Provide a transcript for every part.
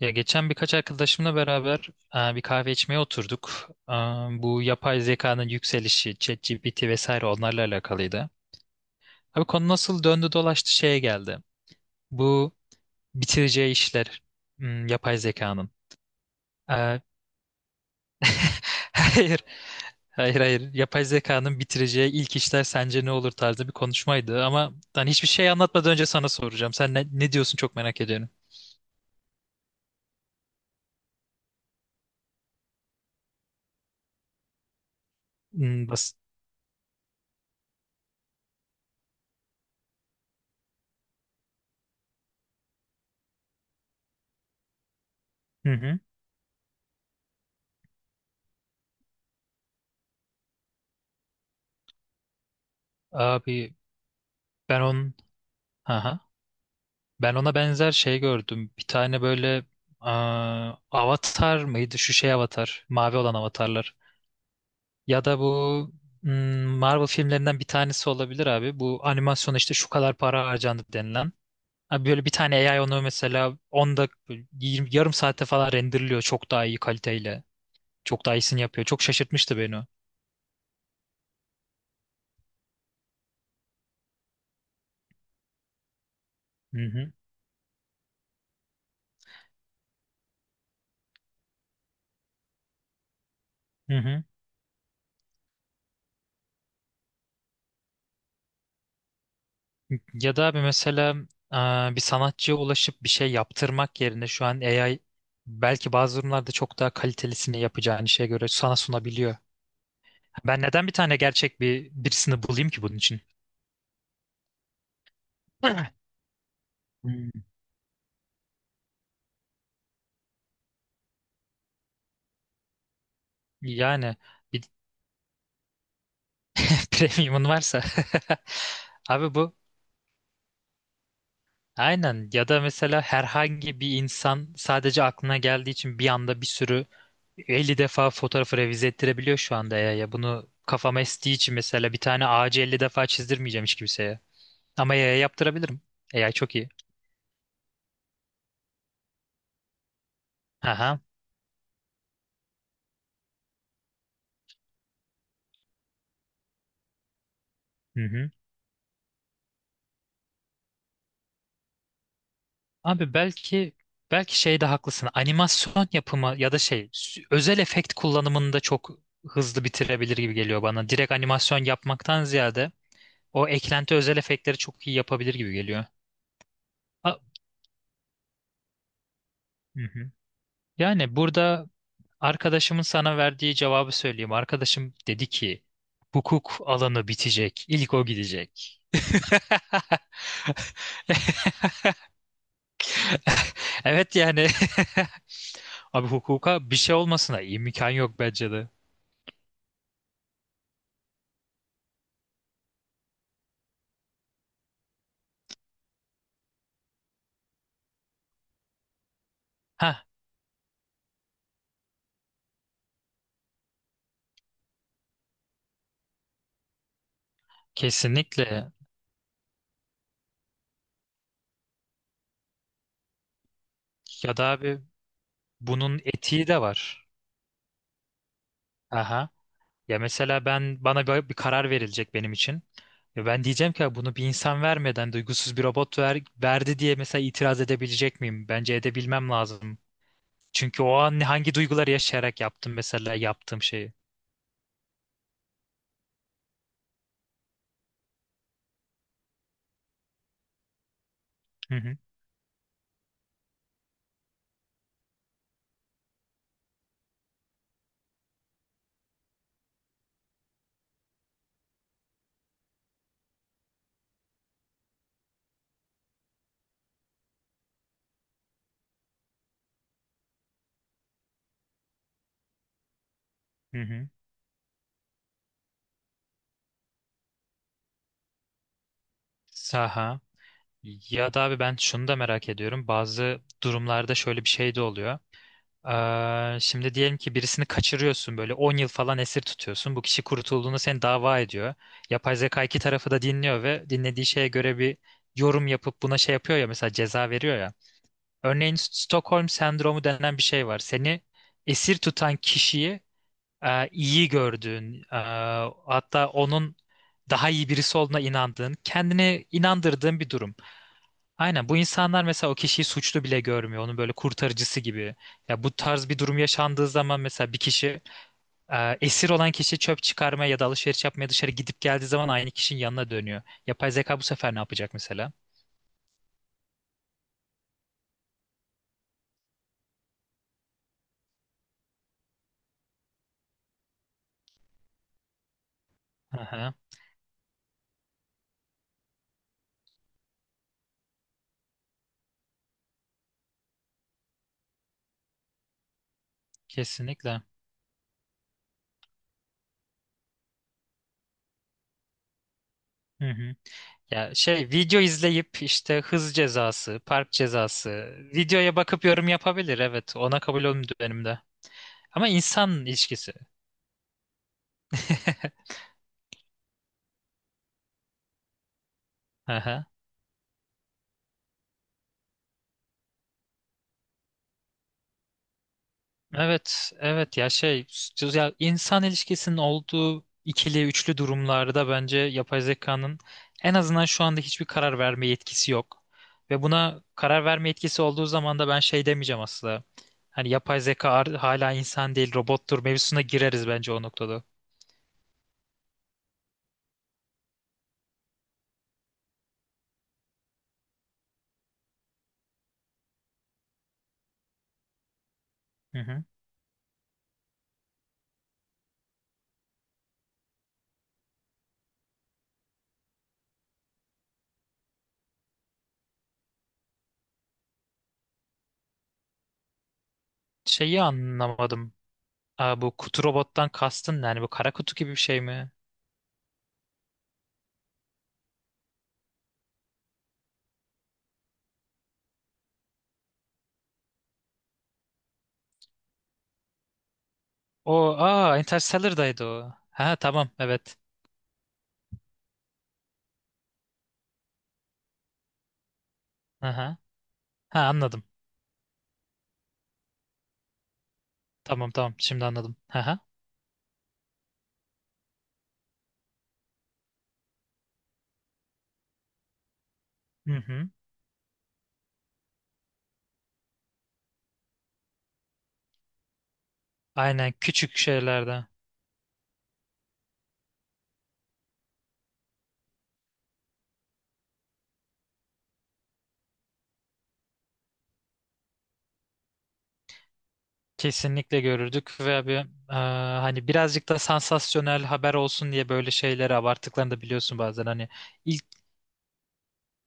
Ya geçen birkaç arkadaşımla beraber bir kahve içmeye oturduk. Bu yapay zekanın yükselişi, ChatGPT vesaire onlarla alakalıydı. Abi konu nasıl döndü dolaştı şeye geldi. Bu bitireceği işler, yapay zekanın. E, Hayır, hayır, hayır. Yapay zekanın bitireceği ilk işler sence ne olur tarzı bir konuşmaydı. Ama hani hiçbir şey anlatmadan önce sana soracağım. Sen ne diyorsun, çok merak ediyorum. Bas. Hı hı. Abi ben onun... Aha. Ben ona benzer şey gördüm. Bir tane böyle, Avatar mıydı? Şu şey Avatar. Mavi olan avatarlar. Ya da bu Marvel filmlerinden bir tanesi olabilir abi. Bu animasyona işte şu kadar para harcandı denilen. Abi böyle bir tane AI onu mesela 10 dak 20, yarım saatte falan renderliyor. Çok daha iyi kaliteyle. Çok daha iyisini yapıyor. Çok şaşırtmıştı beni o. Hı hı. Hı hı. Ya da bir mesela, bir sanatçıya ulaşıp bir şey yaptırmak yerine şu an AI belki bazı durumlarda çok daha kalitelisini yapacağın işe göre sana sunabiliyor. Ben neden bir tane gerçek bir birisini bulayım ki bunun için? Hmm. Yani bir premiumun varsa. Abi bu aynen ya da mesela herhangi bir insan sadece aklına geldiği için bir anda bir sürü 50 defa fotoğrafı revize ettirebiliyor şu anda ya. Ya bunu kafama estiği için mesela bir tane ağacı 50 defa çizdirmeyeceğim hiç kimseye. Ama AI'ya yaptırabilirim. AI çok iyi. Aha. Hı hı. Abi belki şeyde haklısın. Animasyon yapımı ya da şey özel efekt kullanımında çok hızlı bitirebilir gibi geliyor bana. Direkt animasyon yapmaktan ziyade o eklenti özel efektleri çok iyi yapabilir gibi geliyor. A- Hı hı. Yani burada arkadaşımın sana verdiği cevabı söyleyeyim. Arkadaşım dedi ki hukuk alanı bitecek. İlk o gidecek. Evet yani. Abi hukuka bir şey olmasına imkan yok bence de. Ha, kesinlikle. Ya da abi bunun etiği de var. Aha. Ya mesela ben bana bir karar verilecek benim için. Ya ben diyeceğim ki "Ya bunu bir insan vermeden duygusuz bir robot ver, verdi diye mesela itiraz edebilecek miyim? Bence edebilmem lazım. Çünkü o an hangi duyguları yaşayarak yaptım mesela yaptığım şeyi. Hı hı. Hı hı. Saha. Ya da abi ben şunu da merak ediyorum. Bazı durumlarda şöyle bir şey de oluyor. Şimdi diyelim ki birisini kaçırıyorsun böyle 10 yıl falan esir tutuyorsun. Bu kişi kurtulduğunda seni dava ediyor. Yapay zeka iki tarafı da dinliyor ve dinlediği şeye göre bir yorum yapıp buna şey yapıyor ya, mesela ceza veriyor ya. Örneğin Stockholm sendromu denen bir şey var. Seni esir tutan kişiyi, iyi gördüğün, hatta onun daha iyi birisi olduğuna inandığın, kendini inandırdığın bir durum. Aynen, bu insanlar mesela o kişiyi suçlu bile görmüyor. Onun böyle kurtarıcısı gibi. Ya bu tarz bir durum yaşandığı zaman mesela bir kişi, esir olan kişi çöp çıkarmaya ya da alışveriş yapmaya dışarı gidip geldiği zaman aynı kişinin yanına dönüyor. Yapay zeka bu sefer ne yapacak mesela? Aha, kesinlikle. Hı hı. Ya şey video izleyip işte hız cezası, park cezası, videoya bakıp yorum yapabilir, evet. Ona kabul olmuyor benim de. Ama insan ilişkisi. Evet, evet ya şey, ya insan ilişkisinin olduğu ikili üçlü durumlarda bence yapay zekanın en azından şu anda hiçbir karar verme yetkisi yok. Ve buna karar verme yetkisi olduğu zaman da ben şey demeyeceğim aslında. Hani yapay zeka hala insan değil robottur mevzusuna gireriz bence o noktada. Hı hı. Şeyi anlamadım. Aa, bu kutu robottan kastın ne? Yani bu kara kutu gibi bir şey mi? O, aa, Interstellar'daydı o. Ha tamam, evet. Aha. Ha, anladım. Tamam tamam, şimdi anladım. Hı. Hı hı. Aynen, küçük şeylerde kesinlikle görürdük ve hani birazcık da sansasyonel haber olsun diye böyle şeyleri abarttıklarını da biliyorsun bazen, hani ilk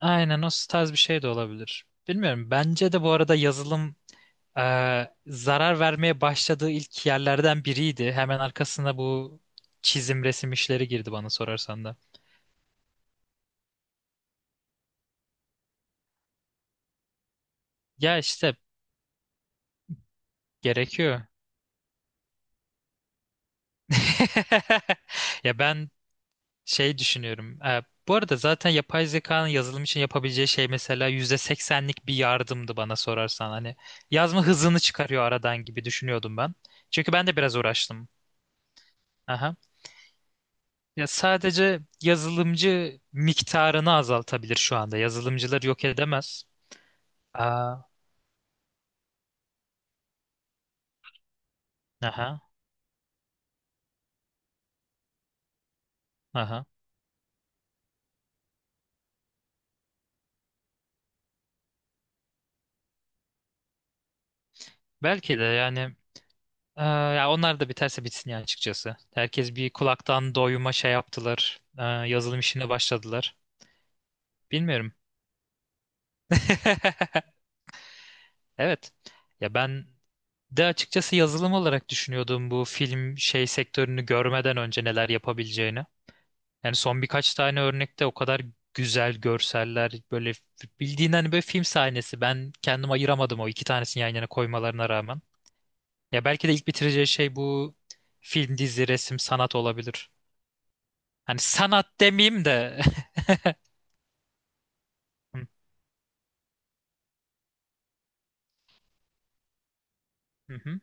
aynen o tarz bir şey de olabilir. Bilmiyorum, bence de bu arada yazılım, e, zarar vermeye başladığı ilk yerlerden biriydi. Hemen arkasına bu çizim resim işleri girdi bana sorarsan da. Ya işte gerekiyor. Ya ben şey düşünüyorum. Bu arada zaten yapay zekanın yazılım için yapabileceği şey mesela %80'lik bir yardımdı bana sorarsan. Hani yazma hızını çıkarıyor aradan gibi düşünüyordum ben. Çünkü ben de biraz uğraştım. Aha. Ya sadece yazılımcı miktarını azaltabilir şu anda. Yazılımcılar yok edemez. Aa, aha, aha. Belki de yani, ya onlar da biterse bitsin ya, açıkçası. Herkes bir kulaktan doyuma şey yaptılar. Yazılım işine başladılar. Bilmiyorum. Evet. Ya ben de açıkçası yazılım olarak düşünüyordum bu film şey sektörünü görmeden önce neler yapabileceğini. Yani son birkaç tane örnekte o kadar güzel görseller, böyle bildiğin hani böyle film sahnesi. Ben kendim ayıramadım o iki tanesini yan yana koymalarına rağmen. Ya belki de ilk bitireceği şey bu film, dizi, resim, sanat olabilir. Hani sanat demeyeyim de. Hı hı.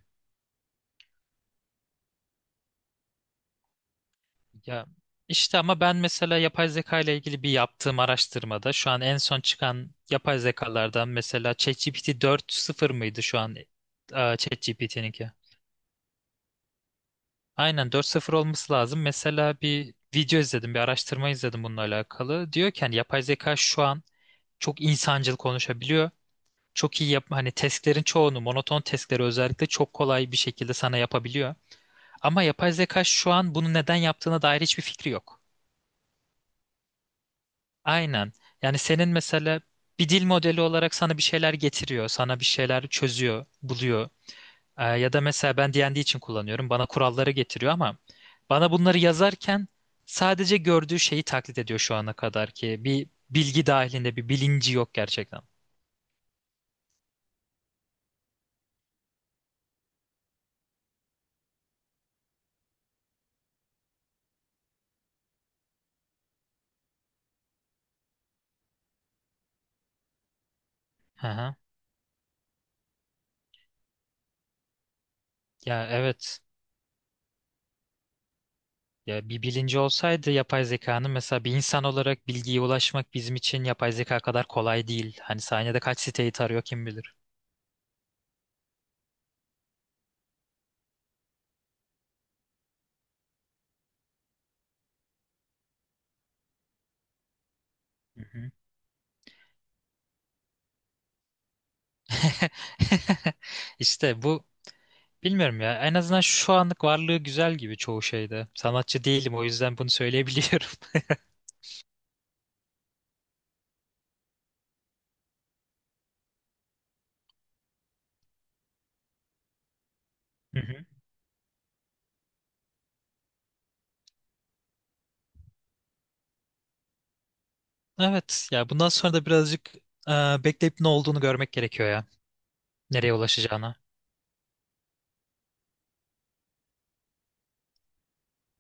Ya işte, ama ben mesela yapay zeka ile ilgili bir yaptığım araştırmada şu an en son çıkan yapay zekalardan mesela ChatGPT 4.0 mıydı şu an, ChatGPT'ninki? Aynen, 4.0 olması lazım. Mesela bir video izledim, bir araştırma izledim bununla alakalı. Diyor ki hani yapay zeka şu an çok insancıl konuşabiliyor. Çok iyi yap, hani testlerin çoğunu, monoton testleri özellikle çok kolay bir şekilde sana yapabiliyor. Ama yapay zeka şu an bunu neden yaptığına dair hiçbir fikri yok. Aynen. Yani senin mesela bir dil modeli olarak sana bir şeyler getiriyor, sana bir şeyler çözüyor, buluyor. Ya da mesela ben D&D için kullanıyorum. Bana kuralları getiriyor ama bana bunları yazarken sadece gördüğü şeyi taklit ediyor şu ana kadar ki bir bilgi dahilinde bir bilinci yok gerçekten. Hı hı. Ya evet. Ya bir bilinci olsaydı yapay zekanın, mesela bir insan olarak bilgiye ulaşmak bizim için yapay zeka kadar kolay değil. Hani saniyede kaç siteyi tarıyor kim bilir. Hı hı. İşte bu, bilmiyorum ya. En azından şu anlık varlığı güzel gibi çoğu şeyde. Sanatçı değilim, o yüzden bunu söyleyebiliyorum. Hı hı. Evet ya, bundan sonra da birazcık, e, bekleyip ne olduğunu görmek gerekiyor ya. Nereye ulaşacağına.